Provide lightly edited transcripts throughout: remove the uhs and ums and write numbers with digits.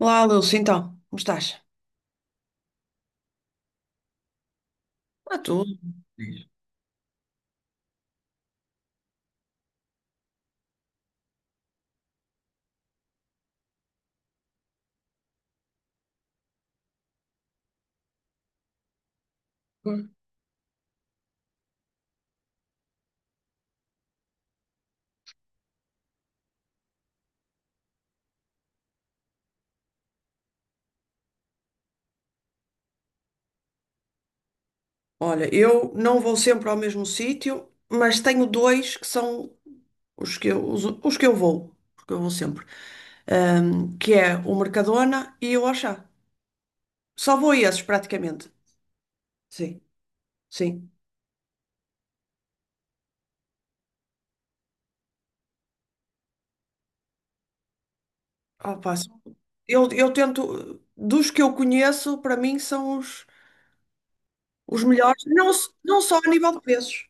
Olá, Lúcio, então, como estás? Ah, tudo. Hum. Olha, eu não vou sempre ao mesmo sítio, mas tenho dois que são os que eu vou, porque eu vou sempre, que é o Mercadona e o Auchan. Só vou a esses, praticamente. Sim, sim. Opa, eu tento, dos que eu conheço, para mim são os melhores, não, não só a nível de preços.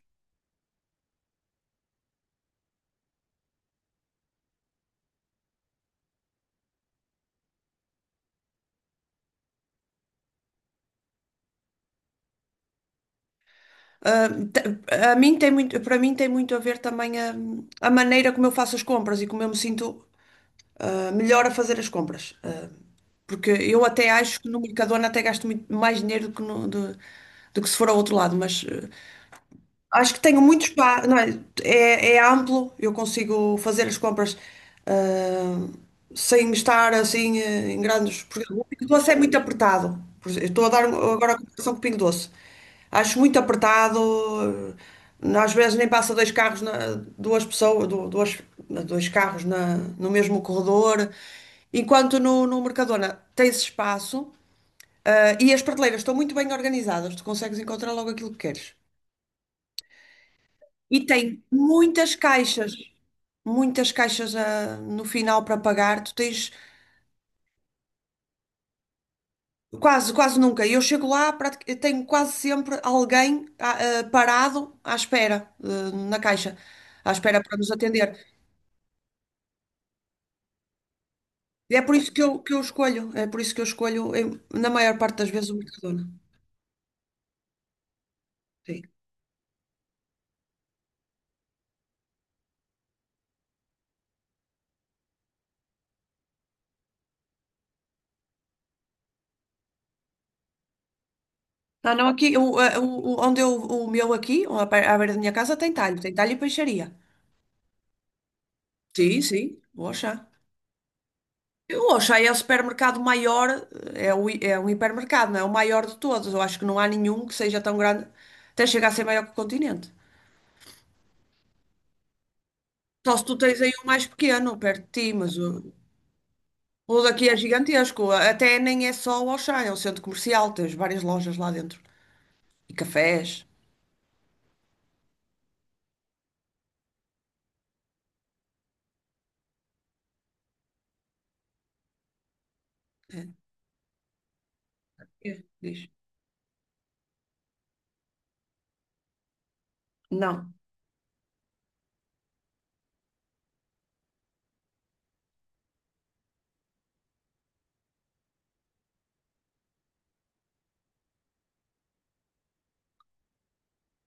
Te- a mim tem muito, Para mim tem muito a ver também a maneira como eu faço as compras e como eu me sinto melhor a fazer as compras. Porque eu até acho que no Mercadona até gasto muito mais dinheiro do que, do que se for ao outro lado, mas acho que tenho muito espaço, não é, é amplo, eu consigo fazer as compras ah, sem estar assim em grandes. Porque o Pingo Doce é muito apertado. Por exemplo, eu estou a dar um, agora a comparação com o Pingo Doce. Acho muito apertado, às vezes nem passa dois carros, duas pessoas, duas, dois carros no mesmo corredor. Enquanto no Mercadona tens espaço, e as prateleiras estão muito bem organizadas, tu consegues encontrar logo aquilo que queres. E tem muitas caixas no final para pagar. Tu tens quase, quase nunca. Eu chego lá, eu tenho quase sempre alguém parado à espera, na caixa, à espera para nos atender. E é por isso que eu, escolho, é por isso que eu escolho, na maior parte das vezes, o Mercadona. Sim. Não, não, aqui, o, ah, o- onde eu, o meu aqui, à beira da minha casa, tem talho e peixaria. Sim, sim, vou achar. Eu acho aí é o supermercado maior, é um hipermercado, não é? O maior de todos. Eu acho que não há nenhum que seja tão grande, até chegar a ser maior que o Continente. Só se tu tens aí o mais pequeno, perto de ti, mas o daqui é gigantesco. Até nem é só o Auchan, é um centro comercial, tens várias lojas lá dentro. E cafés. É, é, diz. Não.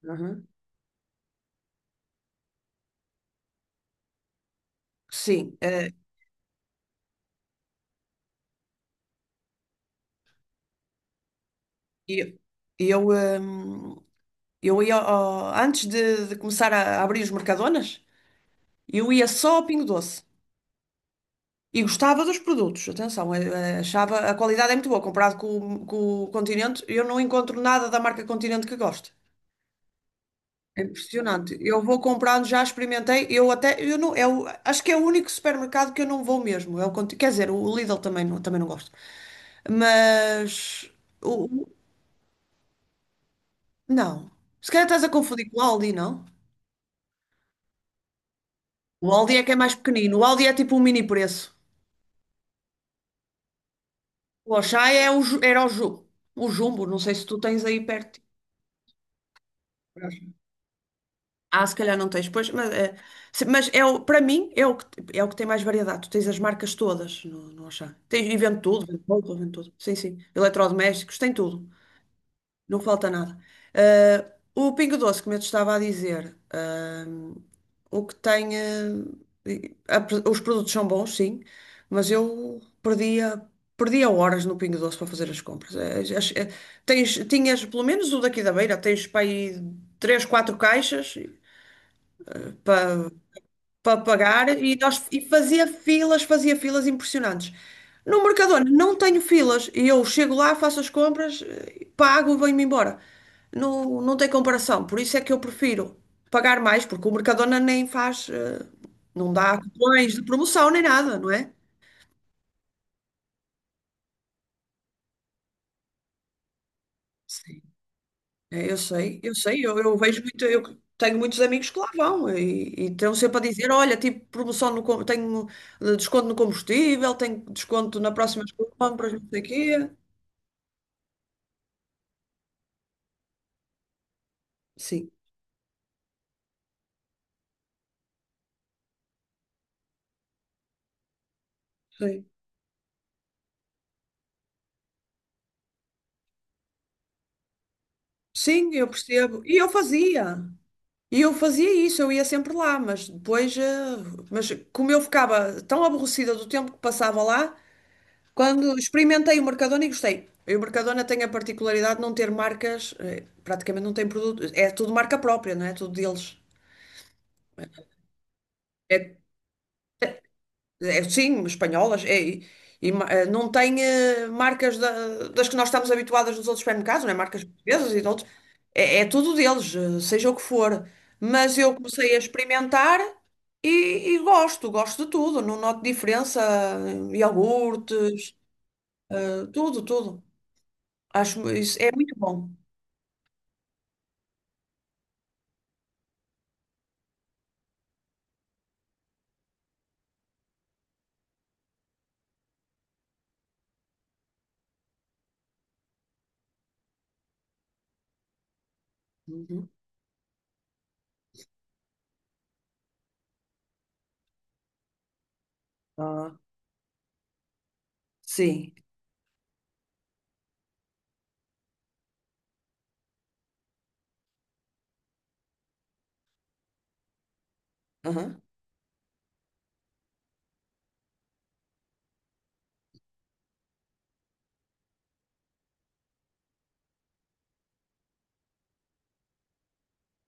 Uhum. Sim. E eu, hum, eu ia, antes de começar a abrir os Mercadonas, eu ia só ao Pingo Doce. E gostava dos produtos, atenção, achava a qualidade é muito boa, comparado com o Continente, eu não encontro nada da marca Continente que goste. É impressionante. Eu vou comprando, já experimentei, eu até, eu não, é o- acho que é o único supermercado que eu não vou mesmo. É o, Conti- quer dizer, o Lidl também não gosto. Mas, o, o- não. Se calhar estás a confundir com o Aldi, não? O Aldi é que é mais pequenino, o Aldi é tipo um mini preço. O Auchan era o Jumbo, não sei se tu tens aí perto. Ah, se calhar não tens, pois, mas, mas é o, para mim é o que tem mais variedade. Tu tens as marcas todas no Auchan. Tens, e vende tudo, vende roupa, vende tudo. Sim, sim. Eletrodomésticos, tem tudo. Não falta nada. Eh, o Pingo Doce, como eu te estava a dizer, o que tem. Eh, e- a Os produtos são bons, sim, mas perdia horas no Pingo Doce para fazer as compras. Tens, tinhas, pelo menos o daqui da beira, tens para aí três, quatro caixas para pagar e fazia filas impressionantes. No Mercadona não tenho filas, e eu chego lá, faço as compras, pago e venho-me embora. Não, não tem comparação, por isso é que eu prefiro pagar mais, porque o Mercadona nem faz, não dá cupons de promoção nem nada, não é? Sim. É, eu sei, eu sei, eu vejo muito, eu tenho muitos amigos que lá vão e estão sempre a dizer, olha, tipo, promoção no, com- tenho desconto no combustível, tenho desconto na próxima compras, não sei o quê. Sim, sim. Sim, eu percebo. E eu fazia. E eu fazia isso, eu ia sempre lá, mas depois, mas como eu ficava tão aborrecida do tempo que passava lá, quando experimentei o Mercadona e gostei. E o Mercadona tem a particularidade de não ter marcas, praticamente não tem produto, é tudo marca própria, não é? Tudo deles. É, é, sim, espanholas, é, não tem marcas das que nós estamos habituadas nos outros supermercados, não é? Marcas portuguesas e de outros. É, é tudo deles, seja o que for. Mas eu comecei a experimentar e, e gosto, gosto de tudo. Não noto diferença, iogurtes, tudo, tudo. Acho isso é muito bom. Uhum. Ah, sim. Aham.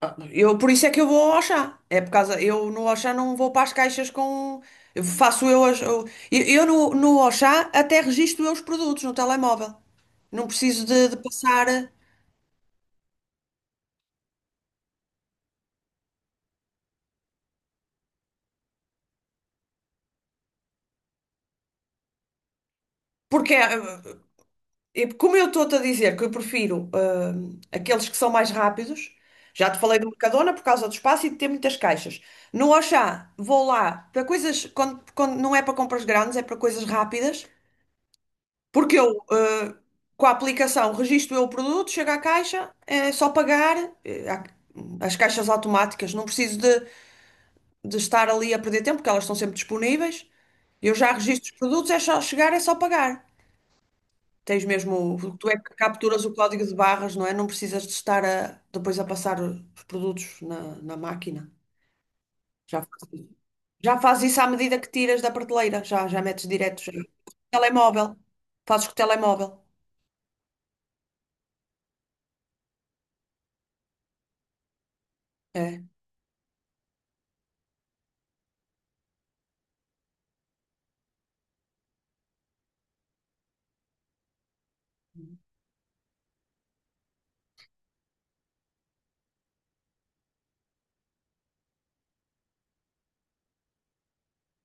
Ah, por isso é que eu vou ao Auchan. É por causa. Eu no Auchan não vou para as caixas com. Eu faço eu as. Eu no Auchan até registro eu os produtos no telemóvel. Não preciso de passar. Eh, Porque, como eu estou-te a dizer que eu prefiro aqueles que são mais rápidos, já te falei do Mercadona por causa do espaço e de ter muitas caixas. No Auchan, vou lá para coisas. Quando não é para compras grandes, é para coisas rápidas. Porque com a aplicação, registro eu o produto, chego à caixa, é só pagar, eh, há- as caixas automáticas, não preciso de estar ali a perder tempo, porque elas estão sempre disponíveis. Eu já registro os produtos, é só chegar, é só pagar. Tens mesmo, tu é que capturas o código de barras, não é? Não precisas de estar depois a passar os produtos na máquina. Já faz, isso. Já faz isso à medida que tiras da prateleira, já metes direto, já. Telemóvel, fazes com o telemóvel. É.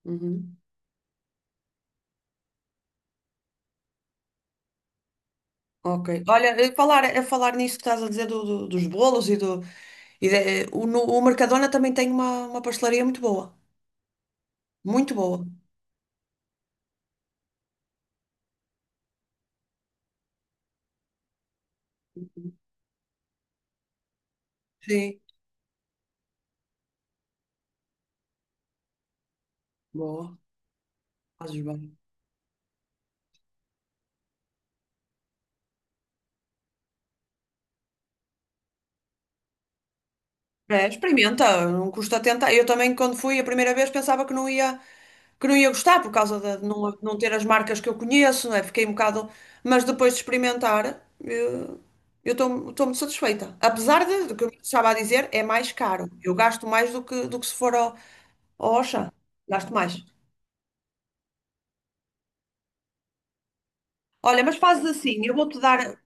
Uhum. Ok. Olha, a falar nisso que estás a dizer dos bolos e do. E de- eh, o, no- o Mercadona também tem uma pastelaria muito boa. Muito boa. Sim. Boa. Fazes bem. É, experimenta, não custa tentar. Eu também, quando fui a primeira vez, pensava que não ia gostar por causa de não ter as marcas que eu conheço, não é? Fiquei um bocado. Mas depois de experimentar, eu estou muito satisfeita. Apesar do que eu estava a dizer, é mais caro. Eu gasto mais do que se for ao, Oxa, gasto mais. Olha, mas fazes assim, eu vou-te dar,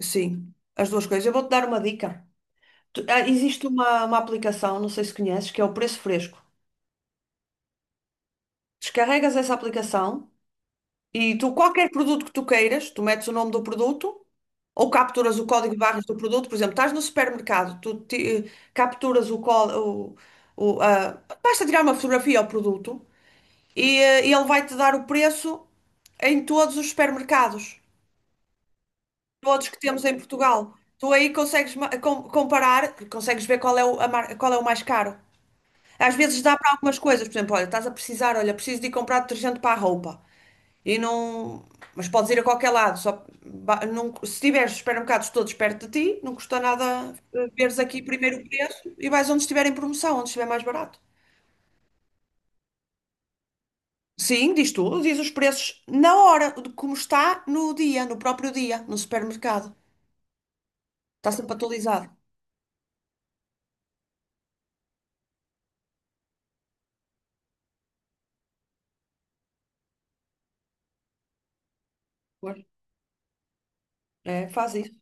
sim, as duas coisas, eu vou-te dar uma dica. Existe uma aplicação, não sei se conheces, que é o Preço Fresco. Descarregas essa aplicação e tu, qualquer produto que tu queiras, tu metes o nome do produto ou capturas o código de barras do produto. Por exemplo, estás no supermercado, capturas o código, basta tirar uma fotografia ao produto e ele vai-te dar o preço em todos os supermercados. Todos que temos em Portugal. Tu aí consegues comparar, consegues ver qual é o mais caro. Às vezes dá para algumas coisas, por exemplo, olha, estás a precisar, olha, preciso de ir comprar detergente para a roupa. E não, mas podes ir a qualquer lado, não, se tiveres supermercados todos perto de ti, não custa nada veres aqui primeiro o preço e vais onde estiver em promoção, onde estiver mais barato. Sim, diz tudo, diz os preços na hora, de como está no dia, no próprio dia, no supermercado. Está sempre atualizado. Pois. É, faz isso.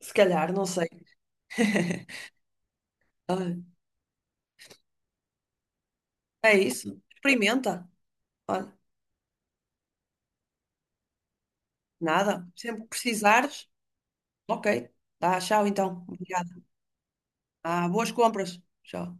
Se calhar, não sei. Olha, é isso. Experimenta. Olha, nada. Sempre que precisares. Ok. Tá, tchau então. Obrigada. Ah, boas compras. Tchau.